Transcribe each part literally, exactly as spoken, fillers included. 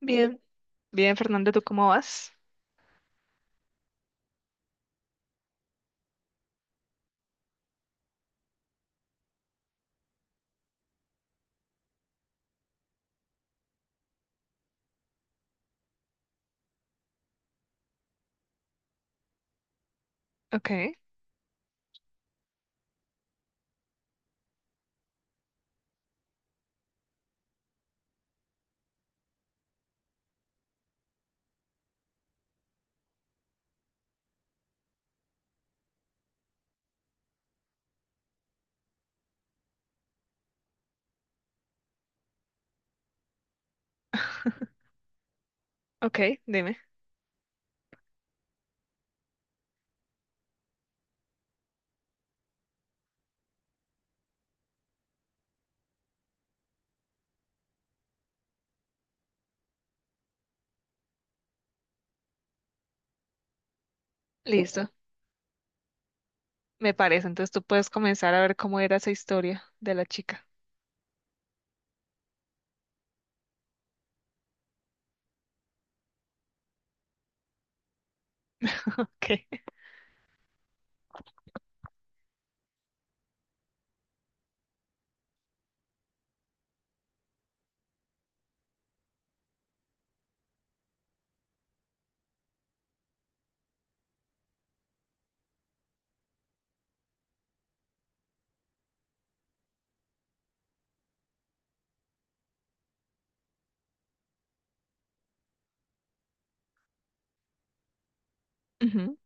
Bien, bien, Fernando, ¿tú cómo vas? Ok. Ok, dime. Listo, me parece. Entonces tú puedes comenzar a ver cómo era esa historia de la chica. Ok. Ujú.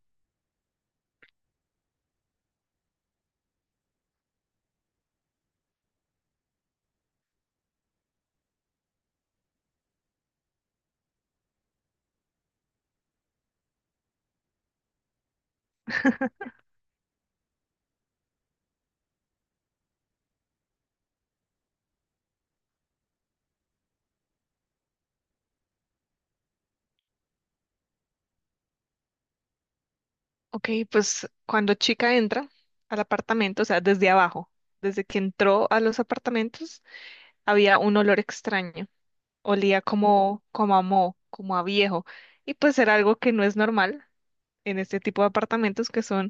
Ok, pues cuando chica entra al apartamento, o sea, desde abajo, desde que entró a los apartamentos, había un olor extraño. Olía como, como a moho, como a viejo. Y pues era algo que no es normal en este tipo de apartamentos que son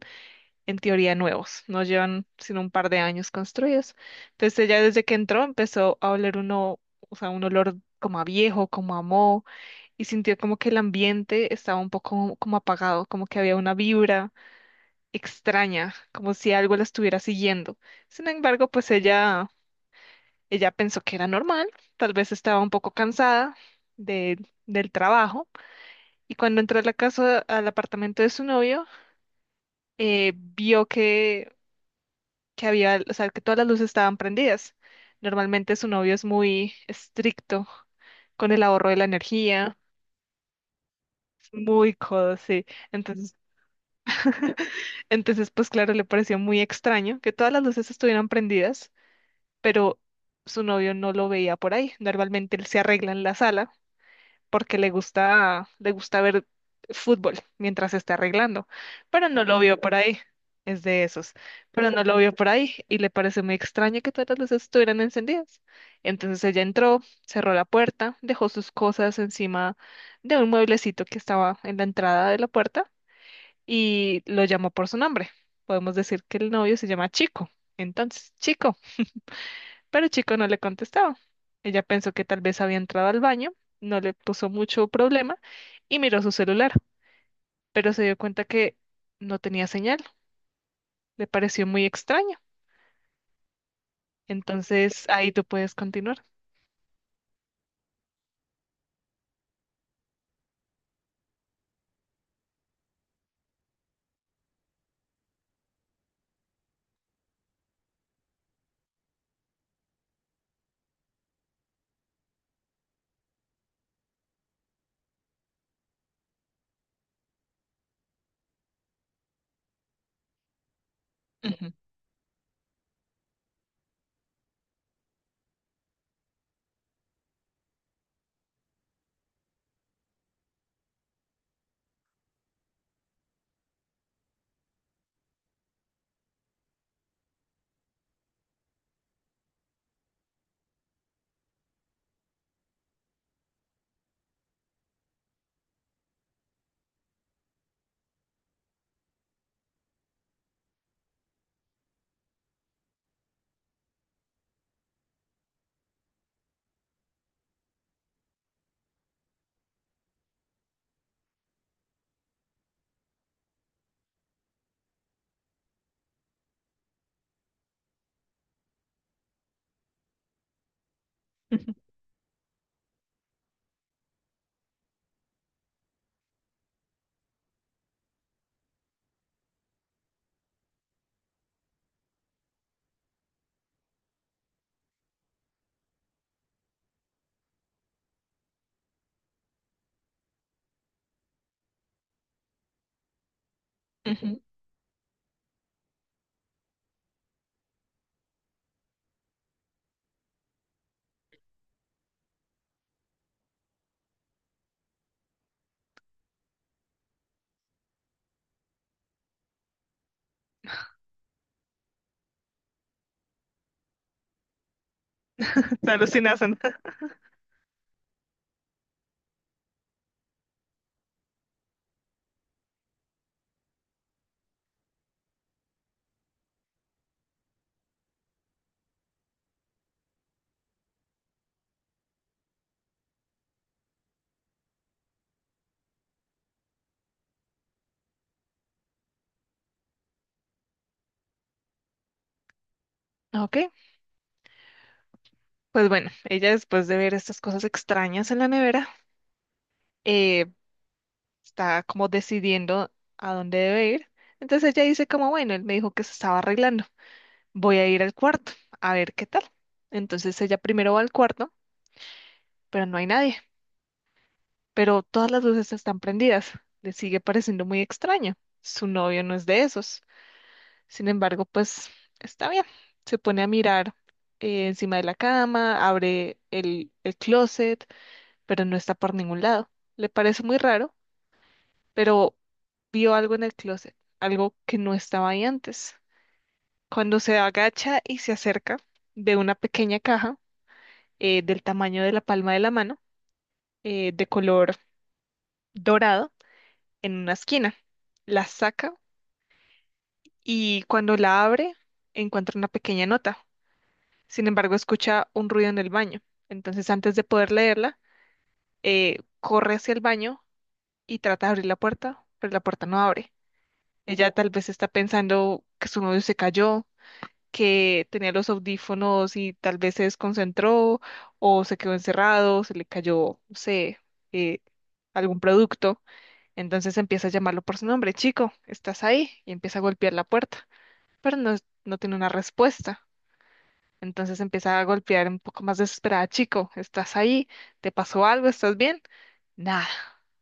en teoría nuevos, no llevan sino un par de años construidos. Entonces ella desde que entró empezó a oler uno, o sea, un olor como a viejo, como a moho, y sintió como que el ambiente estaba un poco como apagado, como que había una vibra extraña, como si algo la estuviera siguiendo. Sin embargo, pues ella, ella pensó que era normal, tal vez estaba un poco cansada de, del trabajo, y cuando entró a la casa, al apartamento de su novio, eh, vio que que había, o sea, que todas las luces estaban prendidas. Normalmente su novio es muy estricto con el ahorro de la energía, muy codo, sí. Entonces, entonces, pues claro, le pareció muy extraño que todas las luces estuvieran prendidas, pero su novio no lo veía por ahí. Normalmente él se arregla en la sala porque le gusta, le gusta ver fútbol mientras se está arreglando, pero no lo vio por ahí, es de esos, pero no lo vio por ahí y le pareció muy extraño que todas las luces estuvieran encendidas. Entonces ella entró, cerró la puerta, dejó sus cosas encima de un mueblecito que estaba en la entrada de la puerta y lo llamó por su nombre. Podemos decir que el novio se llama Chico. Entonces, Chico. Pero el chico no le contestaba. Ella pensó que tal vez había entrado al baño, no le puso mucho problema y miró su celular, pero se dio cuenta que no tenía señal. Le pareció muy extraño. Entonces ahí tú puedes continuar. Ujú, ujú, ujú. Te alucinas, ¿no? Ok, pues bueno, ella después de ver estas cosas extrañas en la nevera, eh, está como decidiendo a dónde debe ir. Entonces ella dice como, bueno, él me dijo que se estaba arreglando. Voy a ir al cuarto a ver qué tal. Entonces ella primero va al cuarto, pero no hay nadie, pero todas las luces están prendidas. Le sigue pareciendo muy extraño. Su novio no es de esos. Sin embargo, pues está bien. Se pone a mirar eh, encima de la cama, abre el, el closet, pero no está por ningún lado. Le parece muy raro, pero vio algo en el closet, algo que no estaba ahí antes. Cuando se agacha y se acerca, ve una pequeña caja eh, del tamaño de la palma de la mano, eh, de color dorado, en una esquina. La saca y cuando la abre encuentra una pequeña nota. Sin embargo, escucha un ruido en el baño. Entonces, antes de poder leerla, eh, corre hacia el baño y trata de abrir la puerta, pero la puerta no abre. Ella tal vez está pensando que su novio se cayó, que tenía los audífonos y tal vez se desconcentró o se quedó encerrado, se le cayó, no sé, eh, algún producto. Entonces empieza a llamarlo por su nombre, chico, ¿estás ahí? Y empieza a golpear la puerta, pero no, no tiene una respuesta. Entonces empieza a golpear un poco más desesperada, chico, ¿estás ahí? ¿Te pasó algo? ¿Estás bien? Nada,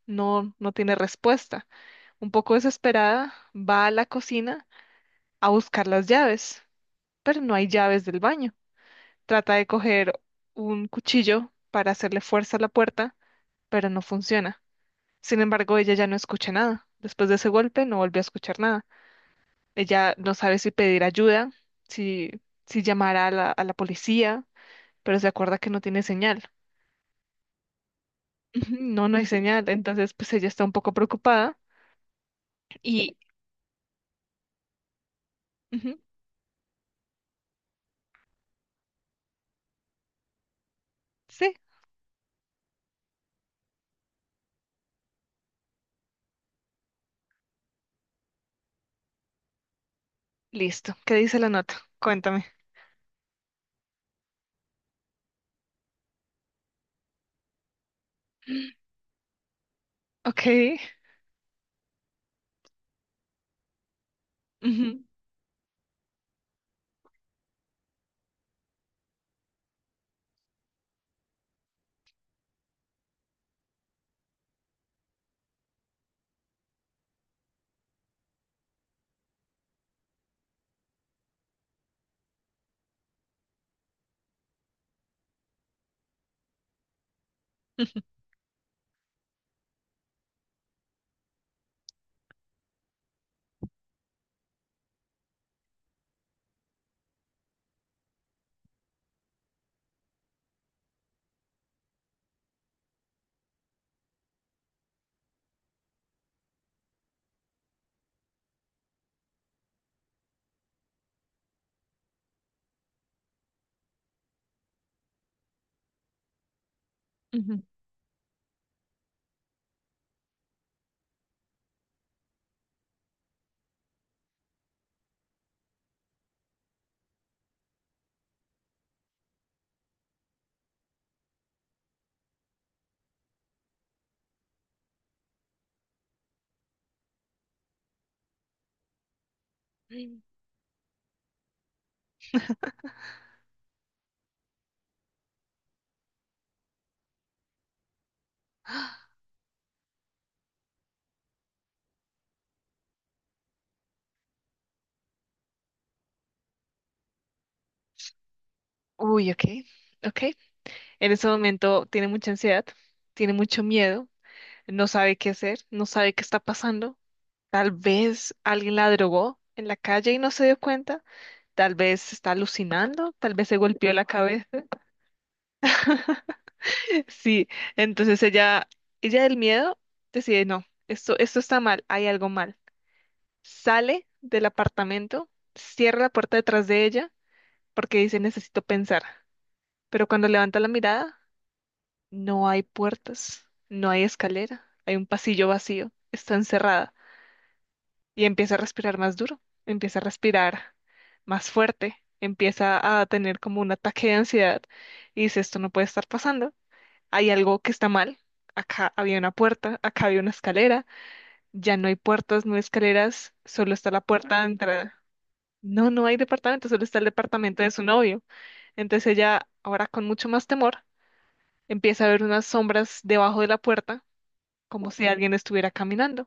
no, no tiene respuesta. Un poco desesperada, va a la cocina a buscar las llaves, pero no hay llaves del baño. Trata de coger un cuchillo para hacerle fuerza a la puerta, pero no funciona. Sin embargo, ella ya no escucha nada. Después de ese golpe, no volvió a escuchar nada. Ella no sabe si pedir ayuda, si, si llamar a la, a la policía, pero se acuerda que no tiene señal. Ujú. No, no hay señal. Entonces, pues ella está un poco preocupada y... Ujú. Sí, listo. ¿Qué dice la nota? Cuéntame. Ok. Ujú, ujú. Uy, ok. Ok. En ese momento tiene mucha ansiedad, tiene mucho miedo, no sabe qué hacer, no sabe qué está pasando. Tal vez alguien la drogó en la calle y no se dio cuenta. Tal vez está alucinando, tal vez se golpeó la cabeza. Sí, entonces ella, ella del miedo decide, no, esto, esto está mal, hay algo mal. Sale del apartamento, cierra la puerta detrás de ella porque dice, necesito pensar. Pero cuando levanta la mirada, no hay puertas, no hay escalera, hay un pasillo vacío, está encerrada. Y empieza a respirar más duro, empieza a respirar más fuerte, empieza a tener como un ataque de ansiedad y dice, esto no puede estar pasando, hay algo que está mal, acá había una puerta, acá había una escalera, ya no hay puertas, no hay escaleras, solo está la puerta de entrada. No, no hay departamento, solo está el departamento de su novio. Entonces ella, ahora con mucho más temor, empieza a ver unas sombras debajo de la puerta, como si alguien estuviera caminando.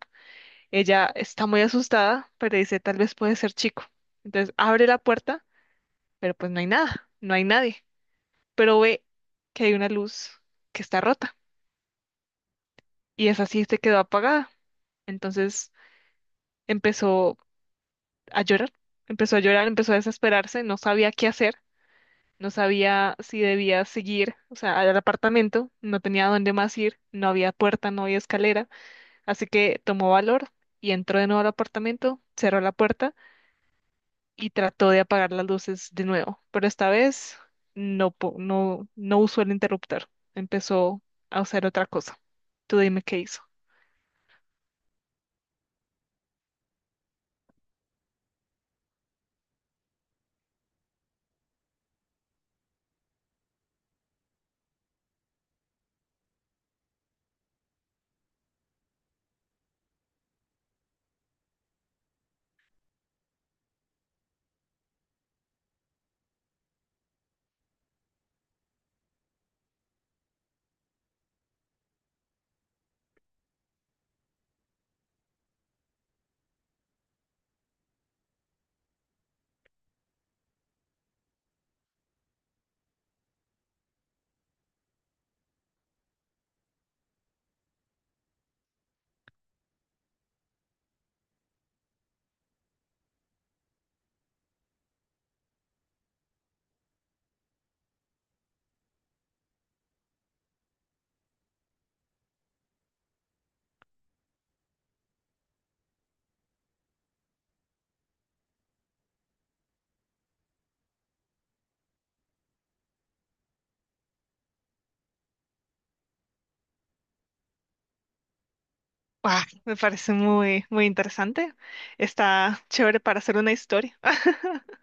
Ella está muy asustada, pero dice, tal vez puede ser chico. Entonces abre la puerta, pero pues no hay nada, no hay nadie. Pero ve que hay una luz que está rota y esa sí se quedó apagada. Entonces empezó a llorar, empezó a llorar, empezó a desesperarse, no sabía qué hacer, no sabía si debía seguir, o sea, al apartamento, no tenía dónde más ir, no había puerta, no había escalera, así que tomó valor y entró de nuevo al apartamento, cerró la puerta y trató de apagar las luces de nuevo, pero esta vez no, po- no, no usó el interruptor, empezó a usar otra cosa. Tú dime qué hizo. Ah, me parece muy, muy interesante. Está chévere para hacer una historia.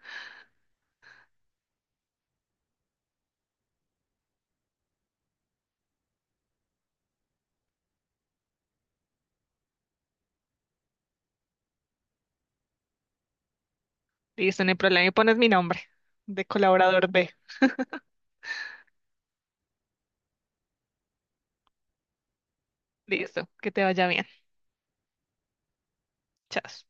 Listo, no hay problema. Y pones mi nombre de colaborador B. Listo, que te vaya bien. Chao.